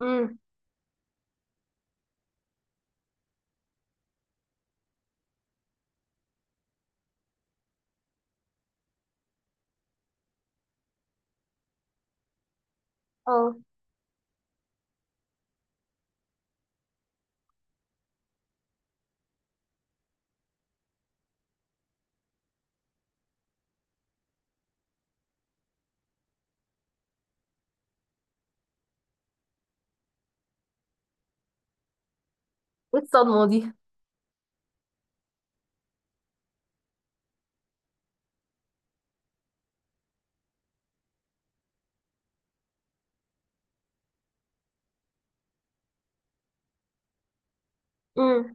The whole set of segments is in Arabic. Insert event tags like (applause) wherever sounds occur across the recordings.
امم اه ايه الصدمة دي؟ امم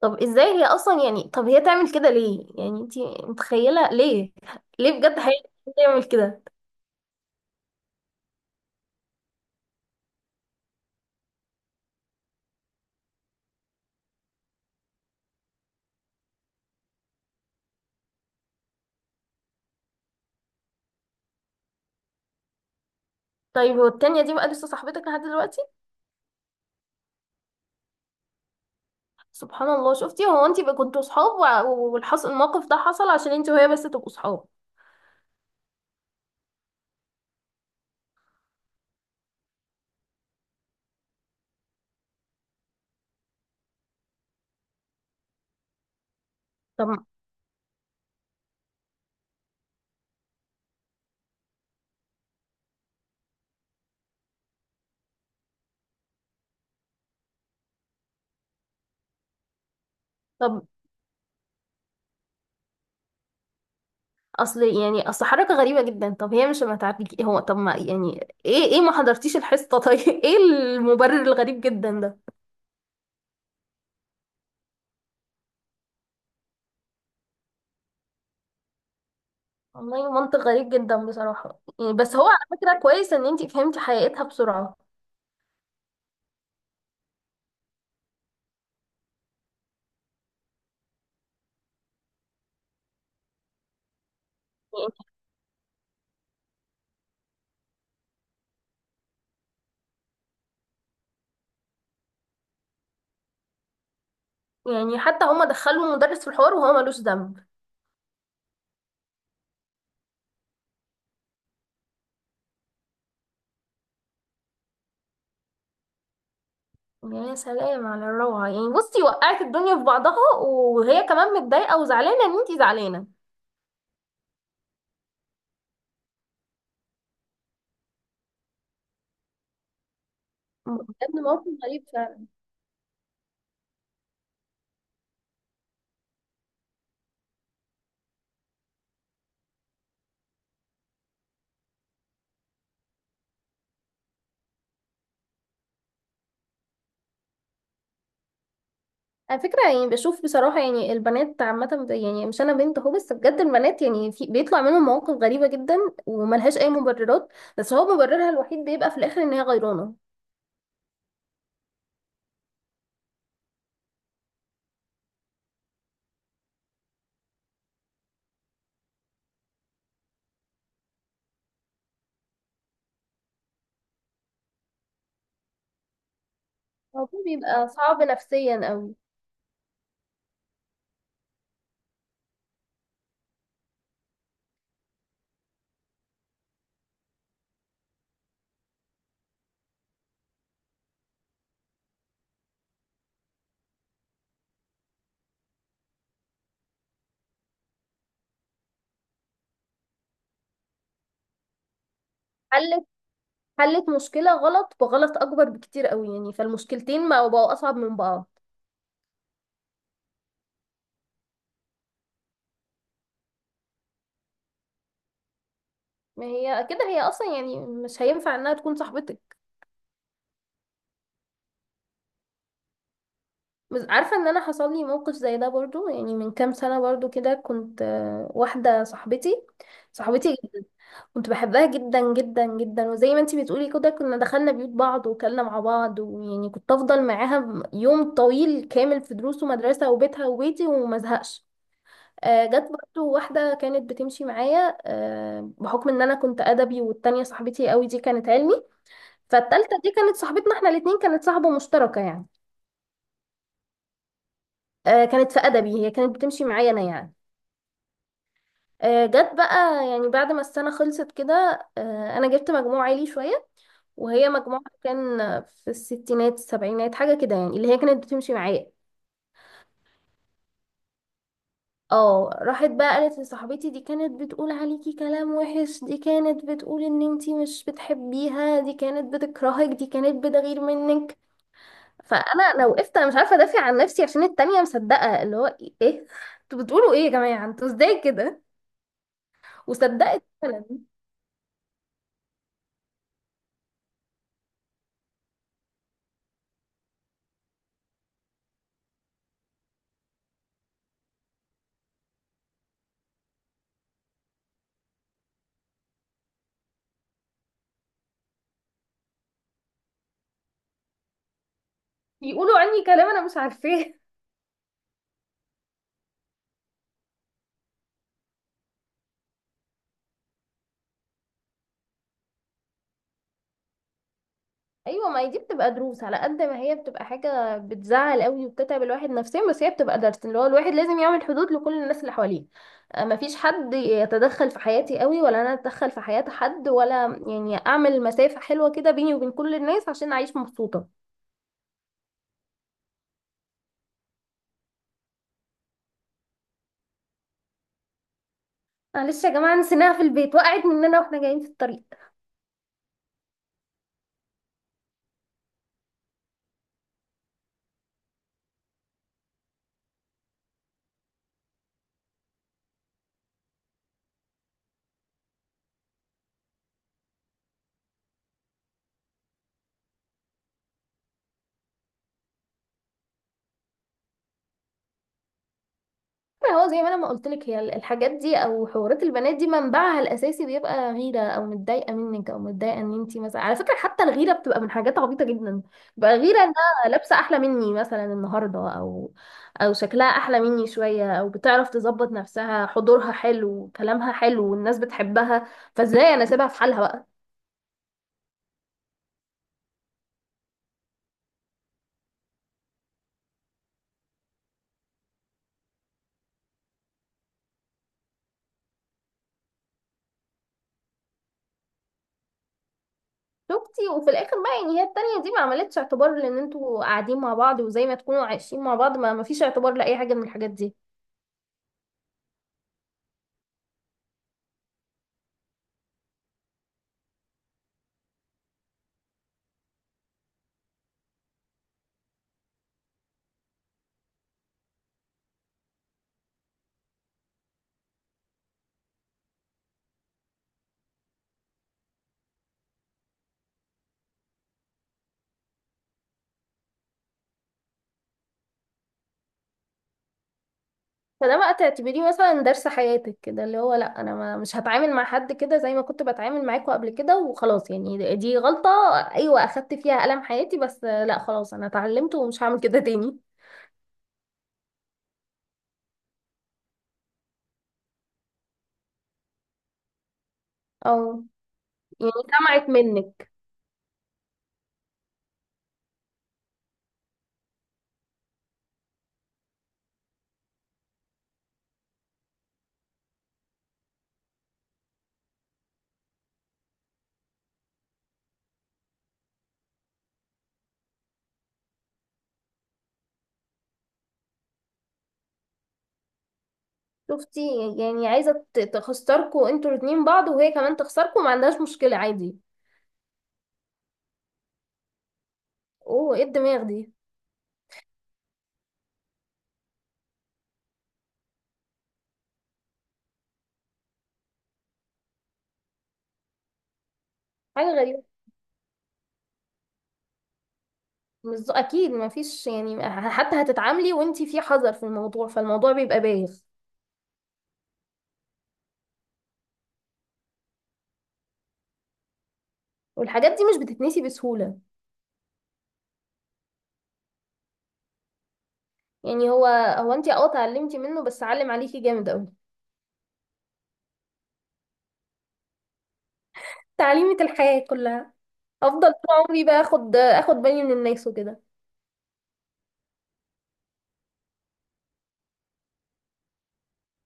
طب ازاي هي اصلا؟ يعني طب هي تعمل كده ليه؟ يعني انتي متخيلة ليه؟ بجد هي تعمل كده؟ طيب، هو التانية دي بقى لسه صاحبتك لحد دلوقتي؟ سبحان الله! شفتي، هو انتي بقى كنتوا صحاب، والحص الموقف ده حصل عشان انتي وهي بس تبقوا صحاب. طب طب اصل يعني اصل حركة غريبة جدا. طب هي مش ما تعرفك؟ هو طب ما يعني ايه ما حضرتيش الحصة؟ طيب، (laughs) ايه المبرر الغريب جدا ده؟ والله منطق غريب جدا بصراحة، يعني بس هو على فكرة كويس ان انتي فهمتي حقيقتها بسرعة. يعني يعني حتى هما دخلوا مدرس في الحوار وهو ملوش ذنب. يا سلام على الروعة! يعني بصي، وقعت الدنيا في بعضها وهي كمان متضايقة وزعلانة ان انتي زعلانة. بجد موقف غريب فعلا. على فكرة يعني، بشوف بصراحة يعني البنات عامة، يعني مش أنا بنت أهو، بس بجد البنات يعني في بيطلع منهم مواقف غريبة جدا وملهاش أي مبررات، بس هو مبررها الوحيد بيبقى في الآخر إن هي غيرانة. الموضوع بيبقى صعب نفسيا أوي. حلت حلت مشكلة غلط بغلط أكبر بكتير قوي، يعني فالمشكلتين ما بقوا أصعب من بعض. ما هي كده هي أصلا يعني مش هينفع إنها تكون صاحبتك. بس عارفة إن أنا حصل لي موقف زي ده برضو، يعني من كام سنة، برضو كده كنت واحدة صاحبتي، صاحبتي جدا. كنت بحبها جدا جدا جدا، وزي ما انتي بتقولي كده، كنا دخلنا بيوت بعض وكلنا مع بعض، ويعني كنت أفضل معاها يوم طويل كامل في دروس ومدرسة وبيتها وبيتي ومزهقش. جت برضو واحدة كانت بتمشي معايا، بحكم ان انا كنت ادبي والتانية صاحبتي قوي دي كانت علمي. فالتالتة دي كانت صاحبتنا احنا الاتنين، كانت صاحبة مشتركة يعني. كانت في ادبي، هي كانت بتمشي معايا انا يعني. جت بقى يعني بعد ما السنة خلصت كده، انا جبت مجموع عالي شوية، وهي مجموعها كان في الستينات السبعينات حاجة كده، يعني اللي هي كانت بتمشي معايا. اه، راحت بقى قالت لصاحبتي دي كانت بتقول عليكي كلام وحش، دي كانت بتقول ان انتي مش بتحبيها، دي كانت بتكرهك، دي كانت بتغير منك. فانا وقفت، انا مش عارفه ادافع عن نفسي عشان التانية مصدقه. اللي هو إيه؟ انتوا بتقولوا ايه يا جماعه؟ انتوا ازاي كده؟ وصدقت فعلا. بيقولوا عني كلام انا مش عارفاه. ايوه، ما هي دي بتبقى دروس، على قد ما هي بتبقى حاجه بتزعل قوي وبتتعب الواحد نفسيا، بس هي بتبقى درس، اللي هو الواحد لازم يعمل حدود لكل الناس اللي حواليه. ما فيش حد يتدخل في حياتي قوي، ولا انا اتدخل في حياه حد، ولا يعني اعمل مسافه حلوه كده بيني وبين كل الناس عشان اعيش مبسوطه. معلش يا جماعه، نسيناها في البيت، وقعت مننا واحنا جايين في الطريق. ما هو زي ما انا ما قلت لك، هي الحاجات دي او حوارات البنات دي منبعها الاساسي بيبقى غيره، او متضايقه منك، او متضايقه ان انت مثلا. على فكره حتى، الغيره بتبقى من حاجات عبيطه جدا. بقى غيره انها لابسه احلى مني مثلا النهارده، او شكلها احلى مني شويه، او بتعرف تظبط نفسها، حضورها حلو، كلامها حلو، والناس بتحبها، فازاي انا سيبها في حالها بقى. شفتي، وفي الاخر بقى يعني هي التانية دي ما عملتش اعتبار لان انتوا قاعدين مع بعض وزي ما تكونوا عايشين مع بعض، ما فيش اعتبار لاي حاجه من الحاجات دي. فده بقى تعتبريه مثلا درس حياتك كده، اللي هو لا، انا ما مش هتعامل مع حد كده زي ما كنت بتعامل معاكوا قبل كده وخلاص، يعني دي غلطة. ايوه اخدت فيها ألم حياتي، بس لا خلاص، انا اتعلمت ومش هعمل كده تاني. او يعني، سمعت منك. شفتي، يعني عايزة تخسركوا انتوا الاتنين بعض وهي كمان تخسركوا، ما عندهاش مشكلة عادي. اوه، ايه الدماغ دي! حاجة غريبة. مش ذو- اكيد ما فيش، يعني حتى هتتعاملي وانتي في حذر في الموضوع، فالموضوع بيبقى بايخ. والحاجات دي مش بتتنسي بسهولة. يعني هو انت اتعلمتي منه بس علم عليكي جامد قوي. تعليمة الحياة كلها. افضل طول عمري بقى اخد بالي من الناس وكده.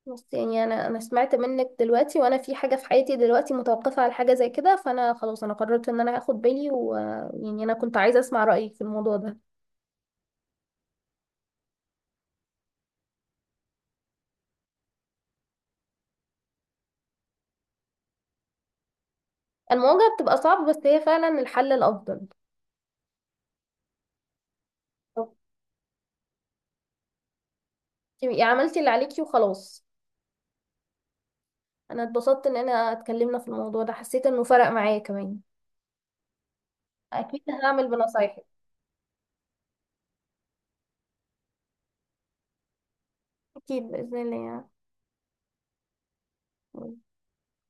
بس يعني، انا سمعت منك دلوقتي وانا في حاجة في حياتي دلوقتي متوقفة على حاجة زي كده، فانا خلاص، انا قررت ان انا هاخد بالي، ويعني انا كنت عايزة اسمع رأيك في الموضوع ده. المواجهة بتبقى صعبة، بس هي فعلا الحل الافضل. طب تبقي عملتي اللي عليكي وخلاص. انا اتبسطت ان انا اتكلمنا في الموضوع ده، حسيت انه فرق معايا كمان. اكيد هعمل بنصايحك. اكيد باذن الله. يعني.